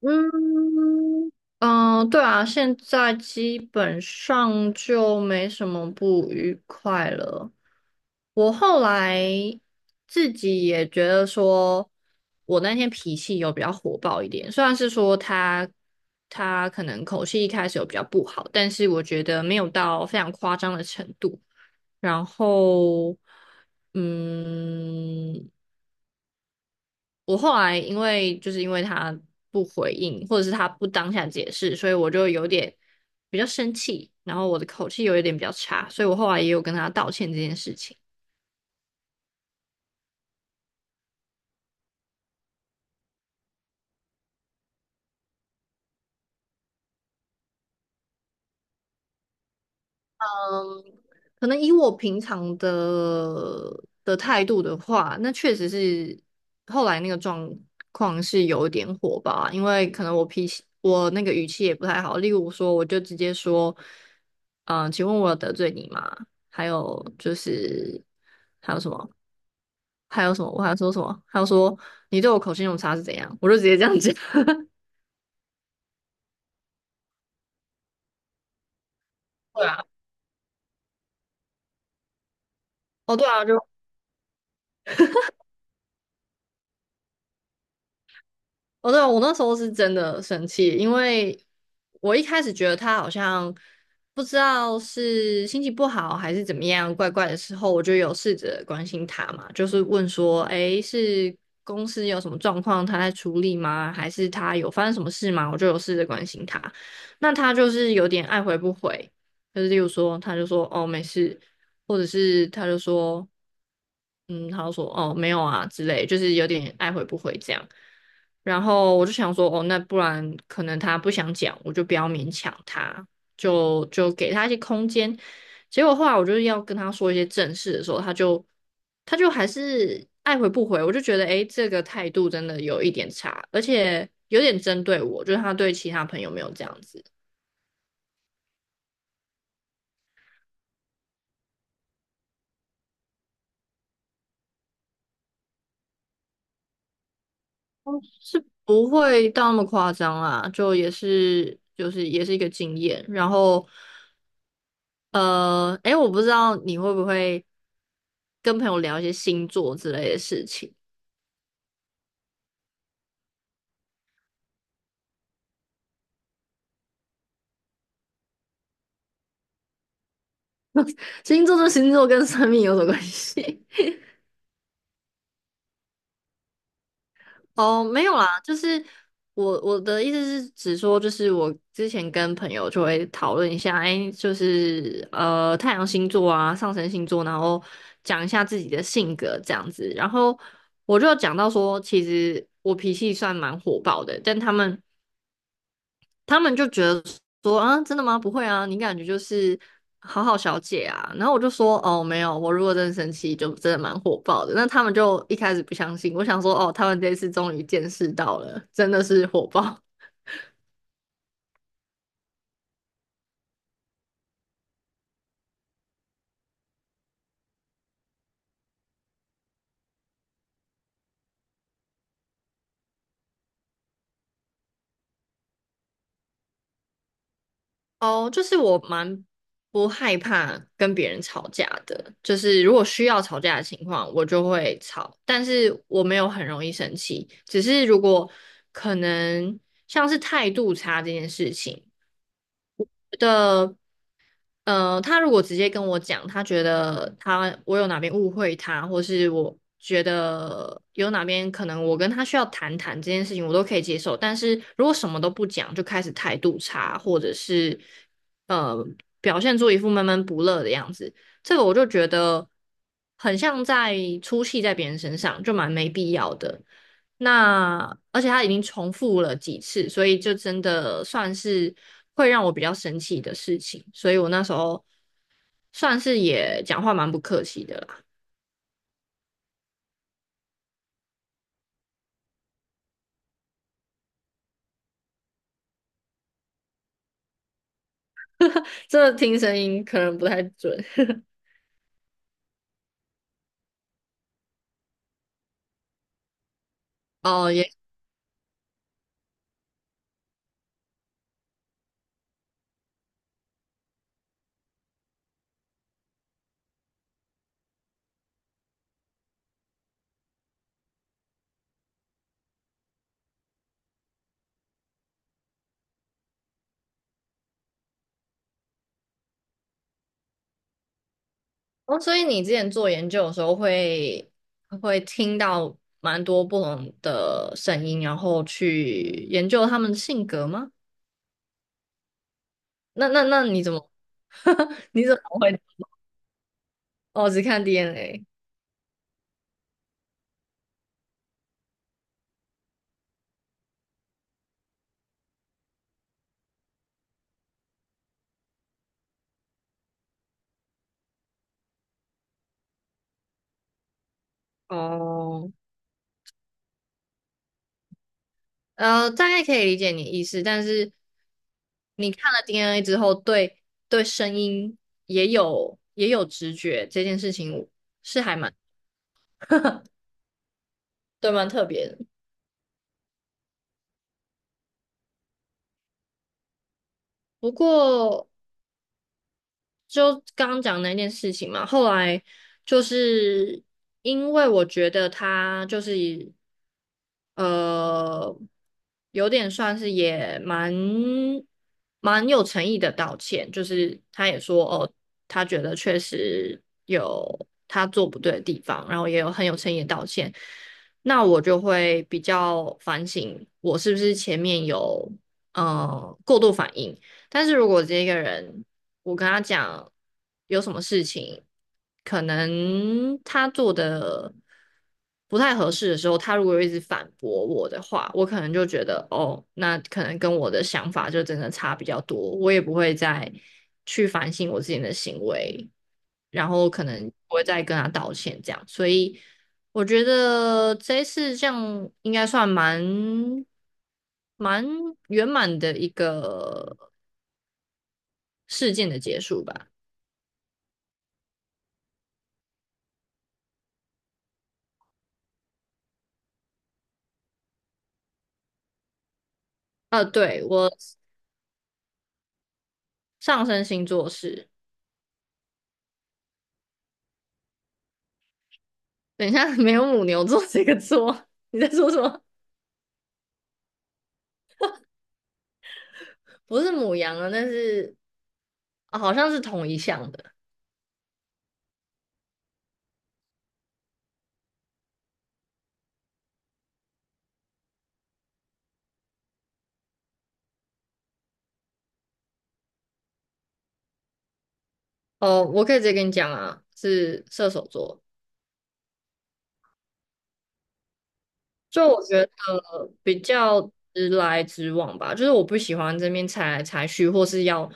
嗯嗯，对啊，现在基本上就没什么不愉快了。我后来自己也觉得说，我那天脾气有比较火爆一点，虽然是说他可能口气一开始有比较不好，但是我觉得没有到非常夸张的程度。然后，嗯，我后来因为他不回应，或者是他不当下解释，所以我就有点比较生气，然后我的口气有一点比较差，所以我后来也有跟他道歉这件事情。嗯，可能以我平常的态度的话，那确实是后来那个状况是有一点火吧，因为可能我脾气，我那个语气也不太好。例如说，我就直接说，请问我有得罪你吗？还有就是还有什么？还有什么？我还说什么？还有说你对我口气用差是怎样？我就直接这样讲。对啊，哦，对啊，就哦，对啊，我那时候是真的生气，因为我一开始觉得他好像不知道是心情不好还是怎么样，怪怪的时候，我就有试着关心他嘛，就是问说，诶，是公司有什么状况，他在处理吗？还是他有发生什么事吗？我就有试着关心他，那他就是有点爱回不回，就是例如说，他就说哦没事，或者是他就说，嗯，他就说哦没有啊之类，就是有点爱回不回这样。然后我就想说，哦，那不然可能他不想讲，我就不要勉强他，就给他一些空间。结果后来我就是要跟他说一些正事的时候，他就还是爱回不回，我就觉得，诶，这个态度真的有一点差，而且有点针对我，就是他对其他朋友没有这样子，是不会到那么夸张啦，就也是一个经验，然后。诶，我不知道你会不会跟朋友聊一些星座之类的事情。星座跟生命有什么关系？哦，没有啦，就是我的意思是，只说就是我之前跟朋友就会讨论一下，诶，就是太阳星座啊、上升星座，然后讲一下自己的性格这样子。然后我就讲到说，其实我脾气算蛮火爆的，但他们就觉得说啊，真的吗？不会啊，你感觉就是好好小姐啊。然后我就说哦，没有，我如果真的生气，就真的蛮火爆的。那他们就一开始不相信，我想说哦，他们这次终于见识到了，真的是火爆哦。就是我蛮不害怕跟别人吵架的，就是如果需要吵架的情况，我就会吵，但是我没有很容易生气，只是如果可能像是态度差这件事情。的。他如果直接跟我讲，他觉得我有哪边误会他，或是我觉得有哪边可能我跟他需要谈谈这件事情，我都可以接受。但是如果什么都不讲，就开始态度差，或者是呃表现出一副闷闷不乐的样子，这个我就觉得很像在出气在别人身上，就蛮没必要的。那而且他已经重复了几次，所以就真的算是会让我比较生气的事情。所以我那时候算是也讲话蛮不客气的啦。这听声音可能不太准 哦，也哦，所以你之前做研究的时候会会听到蛮多不同的声音，然后去研究他们的性格吗？那你怎么 你怎么会我只看 DNA 哦？大概可以理解你的意思，但是你看了 DNA 之后，对对声音也有直觉，这件事情是还蛮对蛮特别的。不过就刚刚讲那件事情嘛，后来就是因为我觉得他就是以呃，有点算是也蛮有诚意的道歉，就是他也说哦，他觉得确实有他做不对的地方，然后也有很有诚意的道歉。那我就会比较反省，我是不是前面有过度反应。但是如果这个人我跟他讲有什么事情，可能他做的不太合适的时候，他如果一直反驳我的话，我可能就觉得哦，那可能跟我的想法就真的差比较多，我也不会再去反省我自己的行为，然后可能不会再跟他道歉这样，所以我觉得这一次这样应该算蛮圆满的一个事件的结束吧。对，我上升星座是，等一下 没有母牛座这个座，你在说什么？不是母羊啊，但是、啊好像是同一项的。哦，我可以直接跟你讲啊，是射手座。就我觉得比较直来直往吧，就是我不喜欢这边猜来猜去，或是要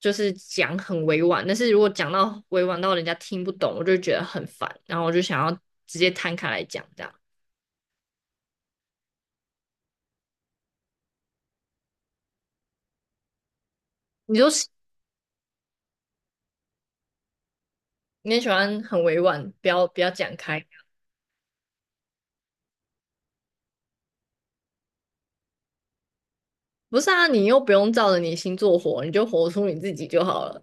就是讲很委婉，但是如果讲到委婉到人家听不懂，我就觉得很烦，然后我就想要直接摊开来讲这样。你就是你也喜欢很委婉，不要讲开。不是啊，你又不用照着你星座活，你就活出你自己就好了。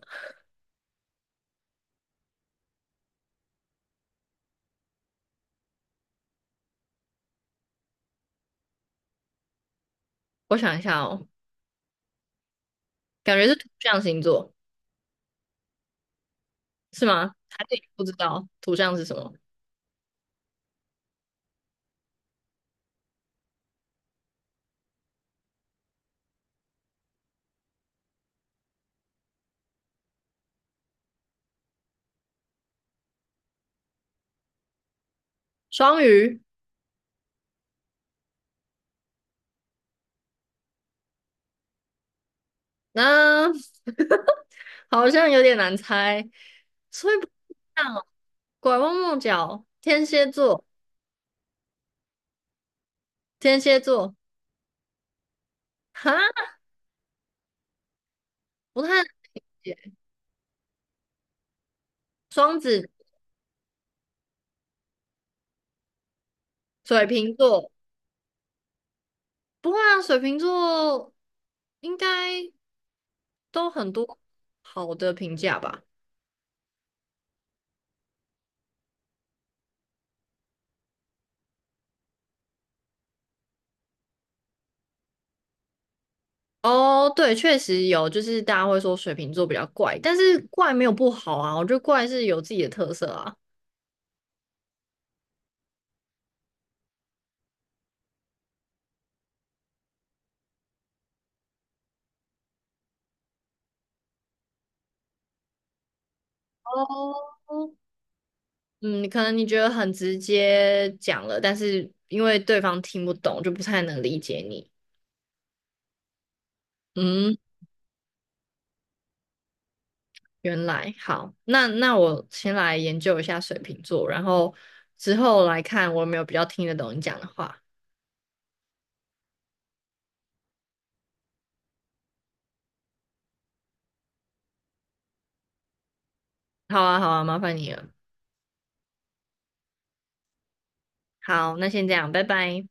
我想一下哦，感觉是土象星座是吗？还是你不知道土象是什么？双鱼，那、好像有点难猜，所以不一样哦。拐弯抹角，天蝎座，天蝎座，哈，不太了解。双子，水瓶座，不会啊，水瓶座应该都很多好的评价吧。哦，对，确实有，就是大家会说水瓶座比较怪，但是怪没有不好啊，我觉得怪是有自己的特色啊。哦，嗯，可能你觉得很直接讲了，但是因为对方听不懂，就不太能理解你。嗯，原来好，那那我先来研究一下水瓶座，然后之后来看我有没有比较听得懂你讲的话。好啊，好啊，麻烦你了。好，那先这样，拜拜。